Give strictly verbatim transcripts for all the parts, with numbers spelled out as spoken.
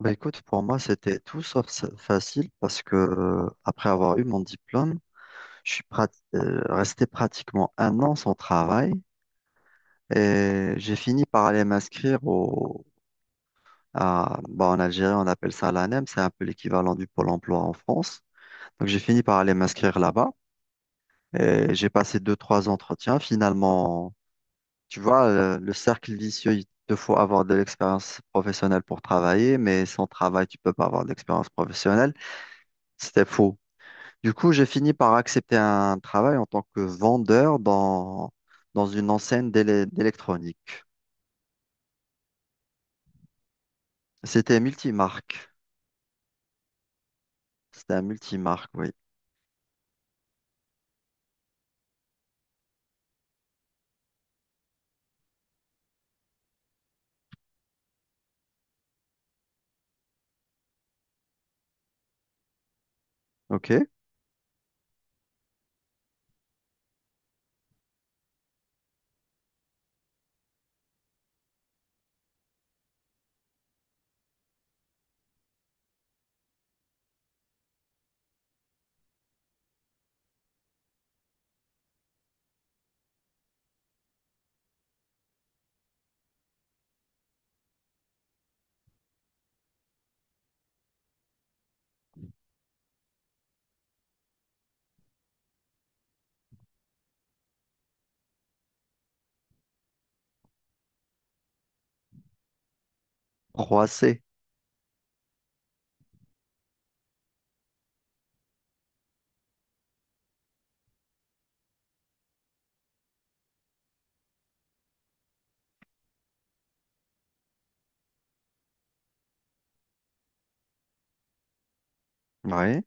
Bah écoute, pour moi, c'était tout sauf sa- facile parce que euh, après avoir eu mon diplôme, je suis prat- euh, resté pratiquement un an sans travail et j'ai fini par aller m'inscrire au à, bah, en Algérie, on appelle ça l'ANEM, c'est un peu l'équivalent du Pôle emploi en France. Donc j'ai fini par aller m'inscrire là-bas et j'ai passé deux, trois entretiens. Finalement, tu vois, le, le cercle vicieux, il te faut avoir de l'expérience professionnelle pour travailler, mais sans travail, tu peux pas avoir d'expérience professionnelle. C'était faux. Du coup, j'ai fini par accepter un travail en tant que vendeur dans, dans une enseigne d'élé- d'électronique. C'était multimarque. C'était un multimarque, oui. OK. trois C. Oui.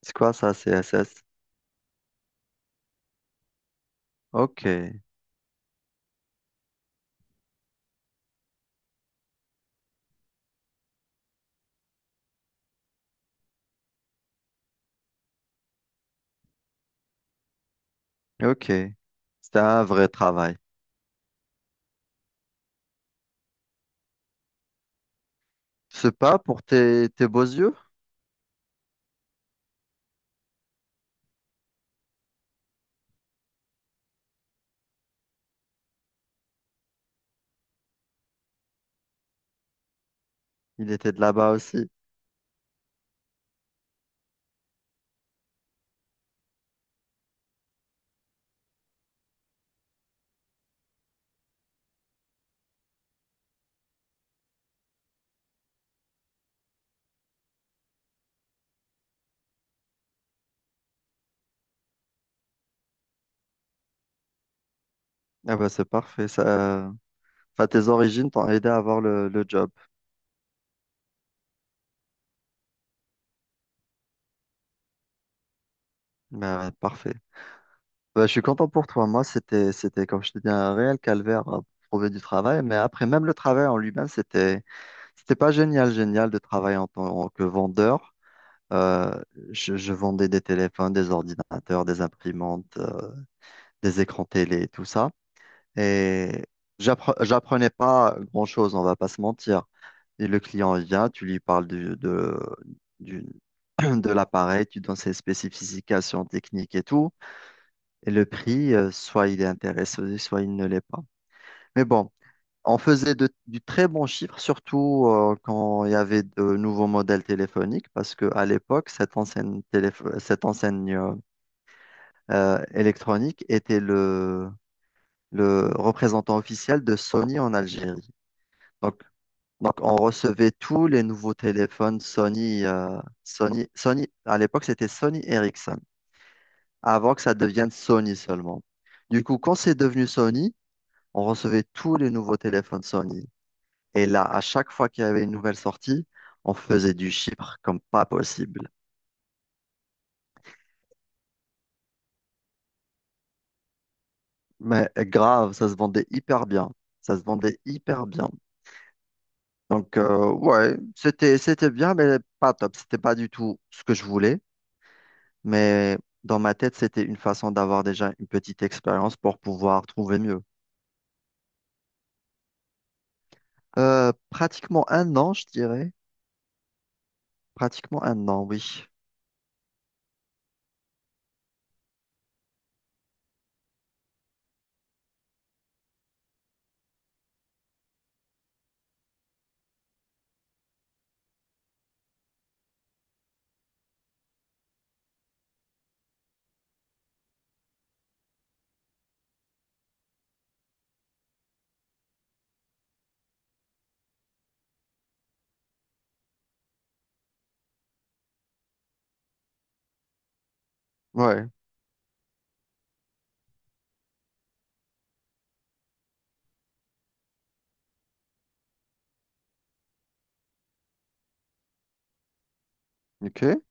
C'est quoi ça, CSS? OK. OK. C'était un vrai travail. C'est pas pour tes, tes beaux yeux? Il était de là-bas aussi. Ah bah c'est parfait. Ça... Enfin, tes origines t'ont aidé à avoir le, le job. Bah, ouais, parfait. Bah, je suis content pour toi. Moi, c'était, c'était, comme je te dis, un réel calvaire euh, pour trouver du travail. Mais après, même le travail en lui-même, c'était, c'était pas génial, génial de travailler en tant que vendeur. Euh, je, je vendais des téléphones, des ordinateurs, des imprimantes, euh, des écrans télé, tout ça. Et j'appre- j'apprenais pas grand-chose, on va pas se mentir. Et le client vient, tu lui parles du- de, du- de l'appareil, tu donnes ses spécifications techniques et tout. Et le prix, euh, soit il est intéressé, soit il ne l'est pas. Mais bon, on faisait de- du très bon chiffre, surtout euh, quand il y avait de nouveaux modèles téléphoniques, parce qu'à l'époque, cette enseigne, téléph- cette enseigne euh, euh, électronique était le, le représentant officiel de Sony en Algérie. Donc, donc on recevait tous les nouveaux téléphones Sony. euh, Sony, Sony à l'époque, c'était Sony Ericsson, avant que ça devienne Sony seulement. Du coup, quand c'est devenu Sony, on recevait tous les nouveaux téléphones Sony. Et là, à chaque fois qu'il y avait une nouvelle sortie, on faisait du chiffre comme pas possible. Mais grave, ça se vendait hyper bien. Ça se vendait hyper bien. Donc, euh, ouais, c'était, c'était bien, mais pas top. C'était pas du tout ce que je voulais. Mais dans ma tête, c'était une façon d'avoir déjà une petite expérience pour pouvoir trouver mieux. Euh, pratiquement un an, je dirais. Pratiquement un an, oui. Ouais. Ok.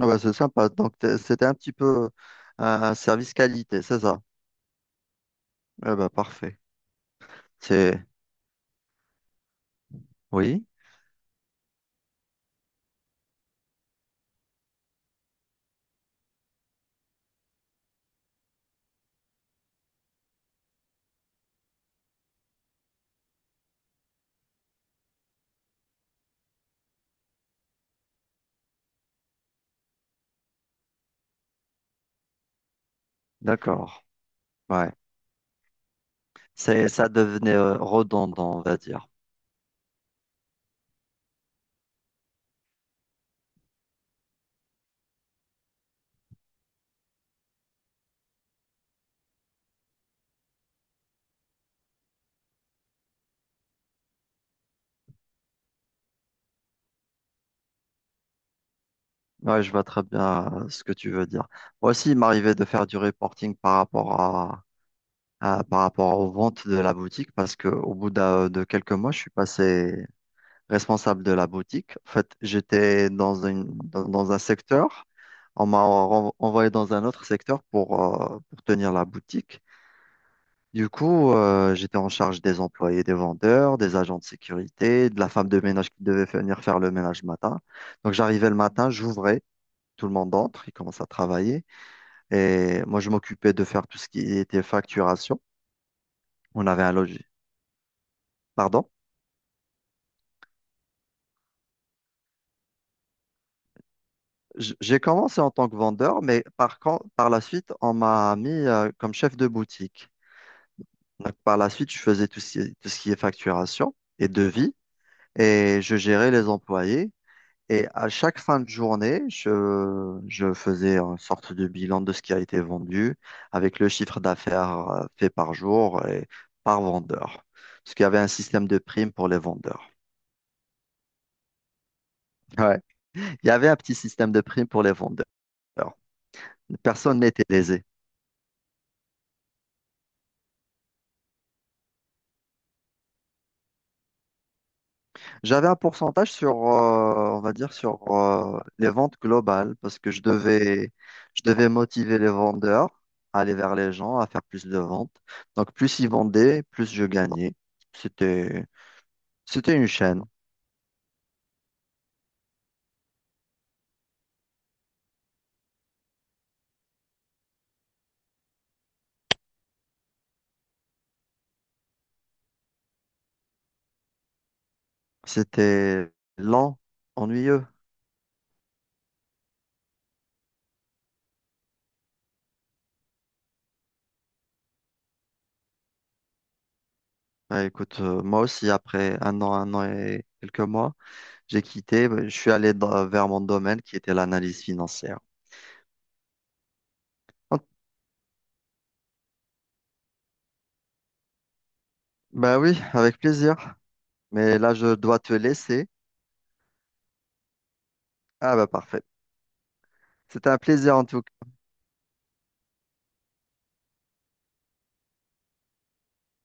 Ah bah, c'est sympa. Donc, t'es- c'était un petit peu euh, un service qualité, c'est ça? Ah bah, parfait. C'est, oui, d'accord. Ouais. C'est, ça devenait euh, redondant, on va dire. Ouais, je vois très bien euh, ce que tu veux dire. Moi aussi, il m'arrivait de faire du reporting par rapport à, à- par rapport aux ventes de la boutique parce que au bout d'un- de quelques mois, je suis passé responsable de la boutique. En fait, j'étais dans une, dans, dans un secteur, on m'a ren- envoyé dans un autre secteur pour, euh, pour tenir la boutique. Du coup, euh, j'étais en charge des employés, des vendeurs, des agents de sécurité, de la femme de ménage qui devait venir faire le ménage le matin. Donc, j'arrivais le matin, j'ouvrais, tout le monde entre, il commence à travailler. Et moi, je m'occupais de faire tout ce qui était facturation. On avait un logis. Pardon? J- J'ai commencé en tant que vendeur, mais par contre, par la suite, on m'a mis euh, comme chef de boutique. Donc, par la suite, je faisais tout ce qui est, tout ce qui est facturation et devis et je gérais les employés. Et à chaque fin de journée, je, je faisais une sorte de bilan de ce qui a été vendu avec le chiffre d'affaires euh, fait par jour et par vendeur. Parce qu'il y avait un système de primes pour les vendeurs. Ouais. Il y avait un petit système de primes pour les vendeurs. Personne n'était lésé. J'avais un pourcentage sur, euh, on va dire, sur euh, les ventes globales parce que je devais, je devais motiver les vendeurs à aller vers les gens, à faire plus de ventes. Donc, plus ils vendaient, plus je gagnais. C'était, c'était une chaîne. C'était lent, ennuyeux. Bah, écoute, euh, moi aussi, après un an, un an et quelques mois, j'ai quitté. Bah, je suis allé dans- vers mon domaine qui était l'analyse financière. Oh, bah oui, avec plaisir. Mais là, je dois te laisser. Ah bah parfait. C'était un plaisir en tout cas.